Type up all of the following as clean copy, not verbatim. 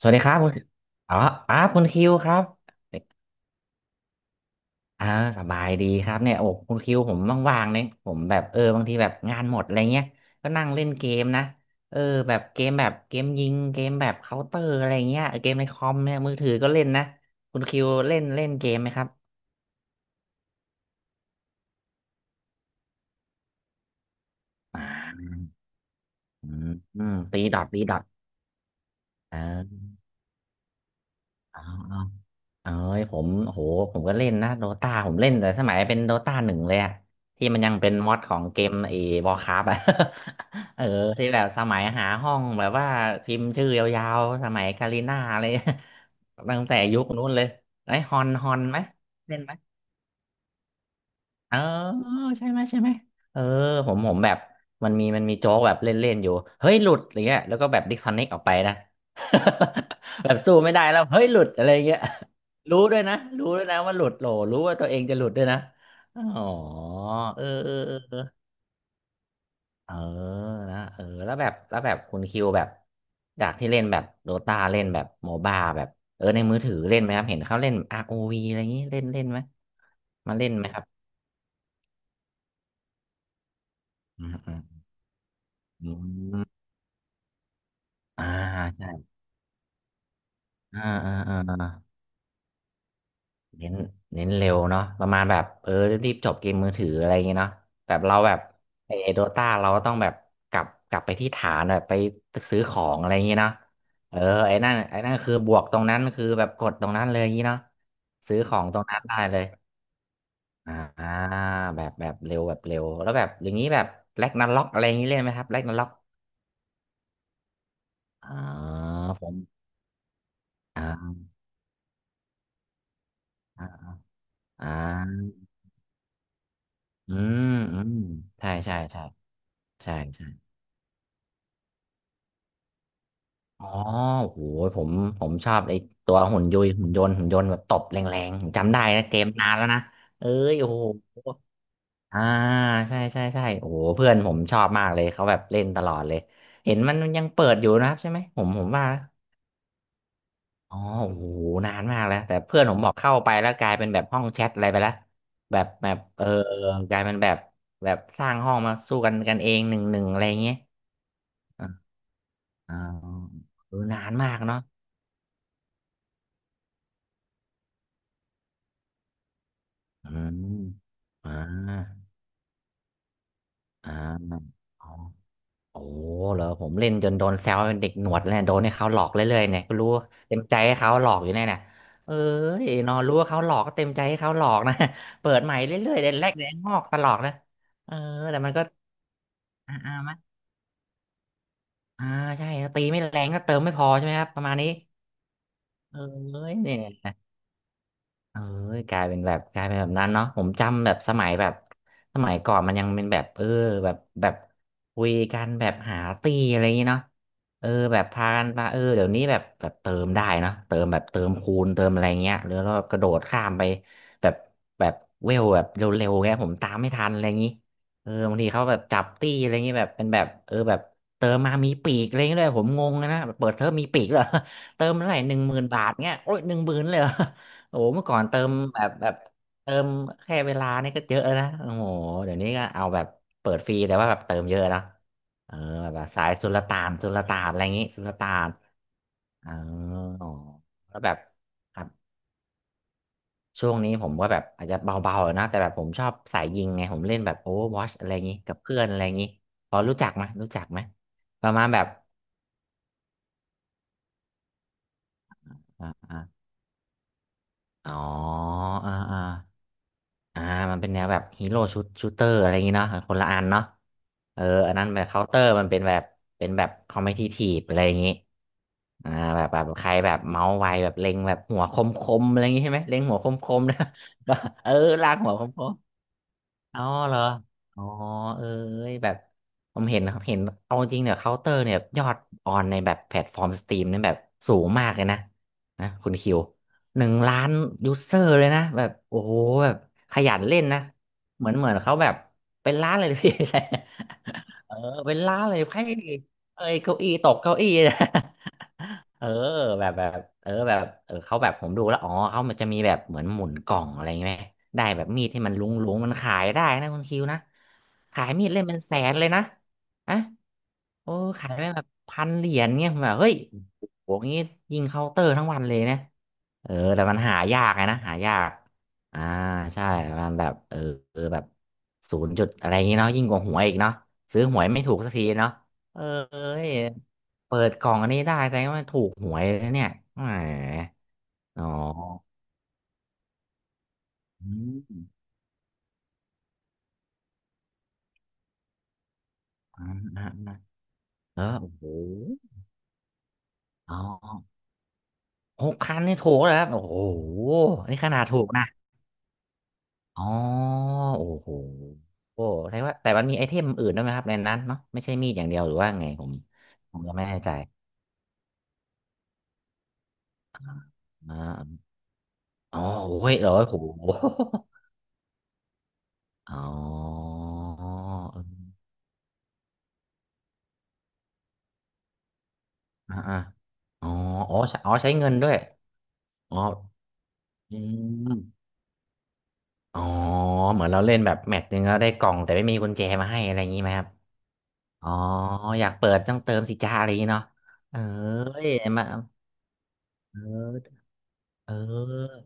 สวัสดีครับคุณอ๋ออ๋อคุณคิวครับอ่าสบายดีครับเนี่ยโอ้คุณคิวผมว่างๆเนี่ยผมแบบเออบางทีแบบงานหมดอะไรเงี้ยก็นั่งเล่นเกมนะ เออแบบเกมแบบเกมยิงเกมแบบเคาน์เตอร์อะไรเงี้ยเกมในคอมเนี่ยมือถือก็เล่นนะคุณคิวเล่นเล่นเกมไหมครับอาืมอืมตีดอทตีดอทเอออ๋อ เอ้ยผมโหผมก็เล่นนะโดตาผมเล่นแต่สมัยเป็นโดตาหนึ่งเลยอะที่มันยังเป็นมอดของเกมเอวอร์คราฟอะ เออที่แบบสมัยหาห้องแบบว่าพิมพ์ชื่อยาวๆสมัยกาลิน่าเลย ตั้งแต่ยุคนู้นเลยไอ้ฮอนฮอนไหมเล่นไหม เออใช่ไหมใช่ไหมเออผมแบบมันมีโจ๊กแบบเล่นๆอยู่เฮ้ยหลุดอะไรเงี้ยแล้วก็แบบดิสคอนเน c t ออกไปนะ แบบสู้ไม่ได้แล้วเฮ้ยหลุดอะไรเงี้ยรู้ด้วยนะรู้ด้วยนะว่าหลุดโหลรู้ว่าตัวเองจะหลุดด้วยนะอ๋อเออเออเออเออเออนะเออแล้วแบบแล้วแบบคุณคิวแบบจากที่เล่นแบบโดตาเล่นแบบโมบ้าแบบเออในมือถือเล่นไหมครับเห็นเขาเล่น ROV อวีอะไรอย่างนี้เล่นเล่นไหมมาเล่นไหมครับอืมอืมอืม อ่าใช่อ่าอ่าอ่าอ่าเน้นเน้นเร็วเนาะประมาณแบบเออรีบๆจบเกมมือถืออะไรอย่างเงี้ยเนาะแบบเราแบบไอโดต้าเราก็ต้องแบบกลับไปที่ฐานแบบไปซื้อของอะไรอย่างเงี้ยเนาะเออไอ้นั่นไอ้นั่นคือบวกตรงนั้นคือแบบกดตรงนั้นเลยอย่างงี้เนาะซื้อของตรงนั้นได้เลยอ่าแบบแบบเร็วแบบเร็วแล้วแบบอย่างนี้แบบแร็กนาร็อกอะไรอย่างนี้เล่นไหมครับแร็กนาร็อกอ่าผมอ่าอ่าอืมอืมใช่ใช่ใช่ ใช่ใช่อ๋อโหผมผมชอบไอ้ตัวหุ่นยุยหุ่นยนต์หุ่นยนต์แบบตบแรงๆผมจำได้นะเกมนานแล้วนะเอ้ยโอ้โหอ่าใช่ใช่ใช่โอ้โหเพื่อนผมชอบมากเลยเขาแบบเล่นตลอดเลย เห็นมันยังเปิดอยู่นะครับใช่ไหมผมผมว่า อ๋อโอ้โหนานมากแล้วแต่เพื่อนผมบอกเข้าไปแล้วกลายเป็นแบบห้องแชทอะไรไปแล้ว แบบแบบเออกลายเป็นแบบแบบสร้างห้องมาสู้กันกันเองหนึ่งหนึ่งอะไรอย่างเงี้ยอ่าอ่าเออนานมากเนาะอืมอ่าอ่าอ๋อ โอ้เหรอผมเล่นจนโดนแซวเป็นเด็กหนวดเลยโดนให้เขาหลอกเรื่อยๆเนี่ยก็รู้เต็มใจให้เขาหลอกอยู่เนี่ยเนีเอ้ยนอนรู้ว่าเขาหลอกก็เต็มใจให้เขาหลอกนะ เปิดใหม่เรื่อยๆเด็แรกเด็งอกตลอดนะเออแต่มันก็มั้ยอ่าใช่ตีไม่แรงก็เติมไม่พอใช่ไหมครับประมาณนี้เอ้ยเนี่ย เออกลายเป็นแบบกลายเป็นแบบนั้นเนาะผมจำแบบสมัยแบบสมัยก่อนมันยังเป็นแบบเออแบบแบบคุยกันแบบหาตีอะไรอย่างงี้เนาะเออแบบพากันมาเออเดี๋ยวนี้แบบแบบเติมได้เนาะเติมแบบเติมคูณเติมอะไรเงี้ยหรือเราแบบกระโดดข้ามไปแบบแบบเวลแบบเร็วๆเงี้ยผมตามไม่ทันอะไรอย่างงี้เออบางทีเขาแบบจับตีอะไรอย่างงี้แบบเป็นแบบเออแบบเติมมามีปีกอะไรอย่างเงี้ยด้วยผมงงเลยนะแบบเปิดเทอมมีปีกเหรอ เติมเท่าไหร่10,000 บาทเงี้ยโอ้ยหนึ่งหมื่นเลยเหรอ โอ้โหเมื่อก่อนเติมแบบแบบเติมแค่เวลานี่ก็เยอะแล้วนะโอ้โหเดี๋ยวนี้ก็เอาแบบเปิดฟรีแต่ว่าแบบเติมเยอะเนอะเออแบบว่าสายสุลต่านสุลต่านอะไรอย่างงี้สุลต่านอ๋อแล้วแบบครับช่วงนี้ผมก็แบบอาจจะเบาๆนะแต่แบบผมชอบสายยิงไงผมเล่นแบบ Overwatch อะไรอย่างงี้กับเพื่อนอะไรอย่างงี้พอรู้จักไหมรู้จักไหมประมาณแบบอ่าๆอ๋ออ่าๆ อ่ามันเป็นแนวแบบฮีโร่ชุดชูเตอร์อะไรอย่างงี้เนาะคนละอันเนาะเอออันนั้นแบบเคาน์เตอร์มันเป็นแบบเป็นแบบคอมเพี่ทีฟอะไรอย่างงี้อ่าแบบแบบใครแบบเมาส์ไวแบบเล็งแบบหัวคมคมอะไรอย่างงี้ใช่ไหมเล็งหัวคมคมนะ เออลากหัวคม อ๋อเหรออ๋อเอ้ยแบบผมเห็นนะครับเห็นเอาจริงเนี่ยเคาน์เตอร์เนี่ยยอดออนในแบบแพลตฟอร์มสตรีมเนี่ยแบบสูงมากเลยนะนะคุณคิว1,000,000ยูเซอร์เลยนะแบบโอ้โหแบบขยันเล่นนะเหมือนเขาแบบเป็นล้านเลย นะพี่ เออเป็นล้านเลยไพ่เอ้ยเก้าอี้ตกเก้าอี้ นะ เออเขาแบบผมดูแล้วอ๋อเขามันจะมีแบบเหมือนหมุนกล่องอะไรไหมได้แบบมีดที่มันลุงมันขายได้นะคุณคิวนะขายมีดเล่มเป็นแสนเลยนะอะโอ้ขายไปแบบพันเหรียญเงี่ยผมแบบเฮ้ยโหงี้ยิงเคาน์เตอร์ทั้งวันเลยนะเออแต่มันหายากไงนะหายากอ่าใช่มันแบบเออแบบศูนย์จุดอะไรอย่างงี้เนาะยิ่งกว่าหวยอีกเนาะซื้อหวยไม่ถูกสักทีเนาะเออ เปิดกล่องอันนี้ได้แสดงว่าถูกหวยแล้วเนี่ยแหมอ๋ออืมอ่าอ่าอ่าเออโอ้โหอ๋อหกพันนี่ถูกแล้วครับโอ้โหนี่ขนาดถูกนะอ๋อโอ้โหโอ้แสดงว่าแต่มันมีไอเทมอื่นด้วยไหมครับในนั้นเนาะไม่ใช่มีดอย่างเดียวหรือว่าไงผมผมก็ไม่แน่ใจอ่าอ๋อโอ้ยเหรอโอ้โหอ๋ออ่าอ่าอ๋ออ๋อใช้อ๋อใช้เงินด้วยอ๋ออืม อ๋อเหมือนเราเล่นแบบแมตช์หนึงแล้วได้กล่องแต่ไม่มีกุญแจมาให้อะไรอย่างนี้ไหมครับอ๋ออยากเปิดต้องเติมสิจ้าอะไรอย่างนี้เนาะเอ้ยมาเออเออ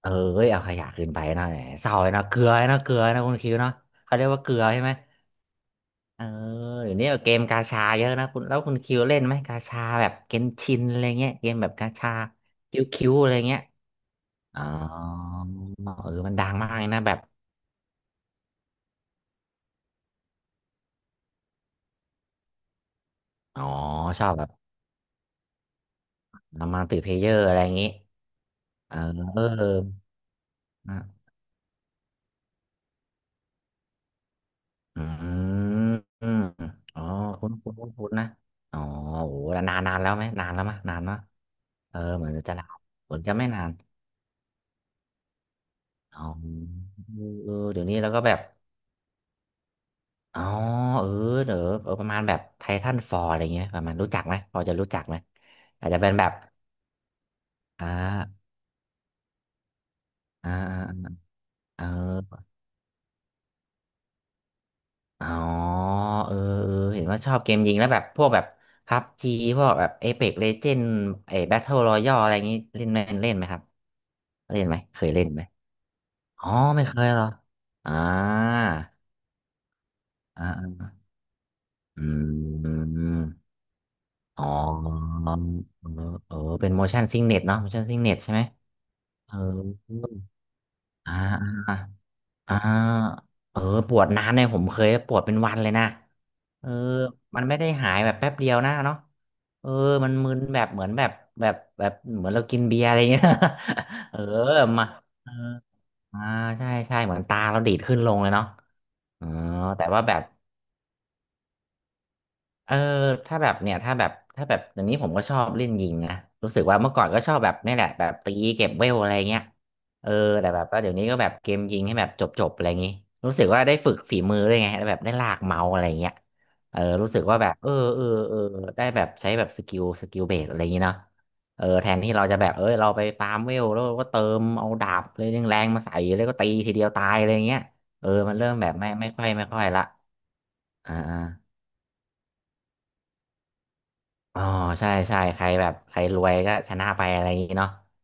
เอ้ยเอาขยะขึ้นไปเนาะแหมเศร้าเลยเนาะเกลือเนาะเกลือนะคุณคิวเนาะเขาเรียกว่าเกลือใช่ไหมเออเดี๋ยวนี้เกมกาชาเยอะนะคุณแล้วคุณคิวเล่นไหมกาชาแบบเกนชินอะไรเงี้ยเกมแบบกาชาคิวอะไรเงี้ยอ๋อเออมันดังมากเลยนะแบบอ๋อชอบแบบมาติเพลเยอร์อะไรอย่างนี้ เออนะอืมอ๋อคุ้นคุ้นคุ้นคุ้นนะอ๋อโอ้โหแล้วนานแล้วไหมนานแล้วมะนานมะเออเหมือนจะนานเหมือนจะไม่นานอ๋อเออเดี๋ยวนี้แล้วก็แบบอ๋อเออเดี๋ยวเออประมาณแบบไททันฟอร์อะไรเงี้ยประมาณรู้จักไหมพอจะรู้จักไหมอาจจะเป็นแบบอ่าอ่าเออ อ๋อเออเออเห็นว่าชอบเกมยิงแล้วแบบพวกแบบพับจีพวกแบบเอเ x กเลเจนด์ไอ้แบทเทิลรอยัลอะไรอย่างงี้เล่นไหมเล่นไหมครับเล่นไหมเคยเล่นไหมอ๋อไม่เคยเหรออ่าอ่าอืมอ๋อเออเออเป็น motion sickness เนาะ motion sickness ใช่ไหมเอออ่า อ่าเออปวดนานเนี่ยผมเคยปวดเป็นวันเลยนะเออมันไม่ได้หายแบบแป๊บเดียวนะเนาะเออมันมึนแบบเหมือนแบบแบบแบบเหมือนเรากินเบียร์อะไรเงี้ย เออมาเอออ่าใช่ใช่เหมือนตาเราดีดขึ้นลงเลยเนาะอ๋อแต่ว่าแบบ เออถ้าแบบเนี่ยถ้าแบบถ้าแบบเดี๋ยวนี้ผมก็ชอบเล่นยิงนะรู้สึกว่าเมื่อก่อนก็ชอบแบบนี่แหละแบบตีเก็บเวลอะไรเงี้ยเออแต่แบบว่าเดี๋ยวนี้ก็แบบเกมยิงให้แบบจบจบอะไรอย่างงี้รู้สึกว่าได้ฝึกฝีมือด้วยไงได้วแบบได้ลากเมาส์อะไรเงี้ยเออรู้สึกว่าแบบเออได้แบบใช้แบบสกิลเบสอะไรอย่างงี้เนาะเออแทนที่เราจะแบบเออเราไปฟาร์มเวลแล้วก็เติมเอาดาบเลยแรงๆมาใส่แล้วก็ตีทีเดียวตายอะไรเงี้ยเออมันเริ่มแบบไม่ค่อยละอ่า อ๋อใช่ใช่ใครแบบใครรวยก็ชนะไปอะไรอย่างงี้เนาะ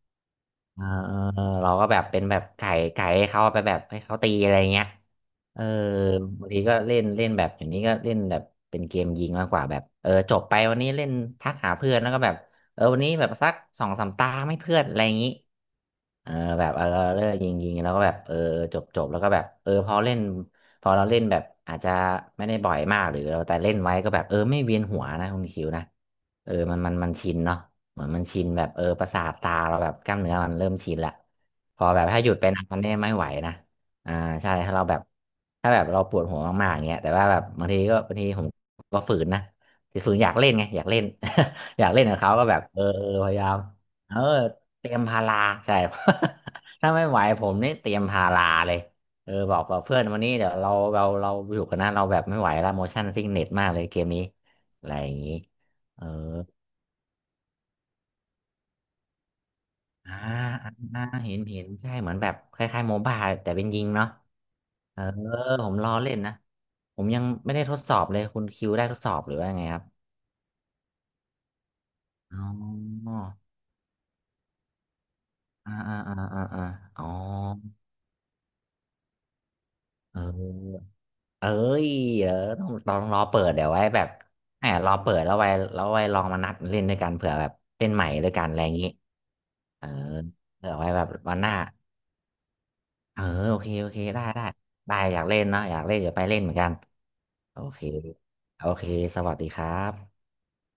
เออเออเราก็แบบเป็นแบบไก่ไก่ให้เขาไปแบบให้เขาตีอะไรเงี้ยเออบางทีก็เล่นเล่นแบบอย่างนี้ก็เล่นแบบเป็นเกมยิงมากกว่าแบบเออจบไปวันนี้เล่นทักหาเพื่อนแล้วก็แบบเออวันนี้แบบสักสองสามตาไม่เพื่อนอะไรอย่างนี้เออแบบเออเลิกยิงยิงแล้วก็แบบเออจบจบแล้วก็แบบเออพอเราเล่นแบบอาจจะไม่ได้บ่อยมากหรือเราแต่เล่นไว้ก็แบบเออไม่เวียนหัวนะคุณคิวนะเออมันชินเนาะ เหมือนมันชินแบบเออประสาทตาเราแบบกล้ามเนื้อมันเริ่มชินละพอแบบถ้าหยุดไปนานมันเนี่ยไม่ไหวนะอ่าใช่ถ้าเราแบบเราปวดหัวมากๆอย่างเงี้ยแต่ว่าแบบบางทีก็บางทีผมก็ฝืนนะคือฝืนอยากเล่นไงอยากเล่น อยากเล่นกับเขาก็แบบเออเออพยายามเออเตรียมพาราใช่ ถ้าไม่ไหวผมนี่เตรียมพาราเลยเออบอกกับเพื่อนวันนี้เดี๋ยวเราอยู่กันนะเราแบบไม่ไหวละโมชั่นซิกเน็ตมากเลยเกมนี้อะไรอย่างนี้เออ อ่าอ่าเห็นใช่เหมือนแบบคล้ายๆโมบ้าแต่เป็นยิงเนาะเออผมรอเล่นนะผมยังไม่ได้ทดสอบเลยคุณคิวได้ทดสอบหรือว่าไงครับอ๋ออ่าอ่าอ่าอ่าอาอ๋อเออเอ้ยเออต้องรอเปิดเดี๋ยวไว้แบบแหมรอเปิดแล้วไว้ลองมานัดเล่นด้วยกันเผื่อแบบเล่นใหม่ด้วยกันอะไรอย่างนี้เออเผื่อไว้แบบวันหน้าเออโอเคโอเคได้ได้ได้อยากเล่นเนาะอยากเล่นเดี๋ยวไปเล่นเหมือนกัน โอเคโอเค สวัสดีครับ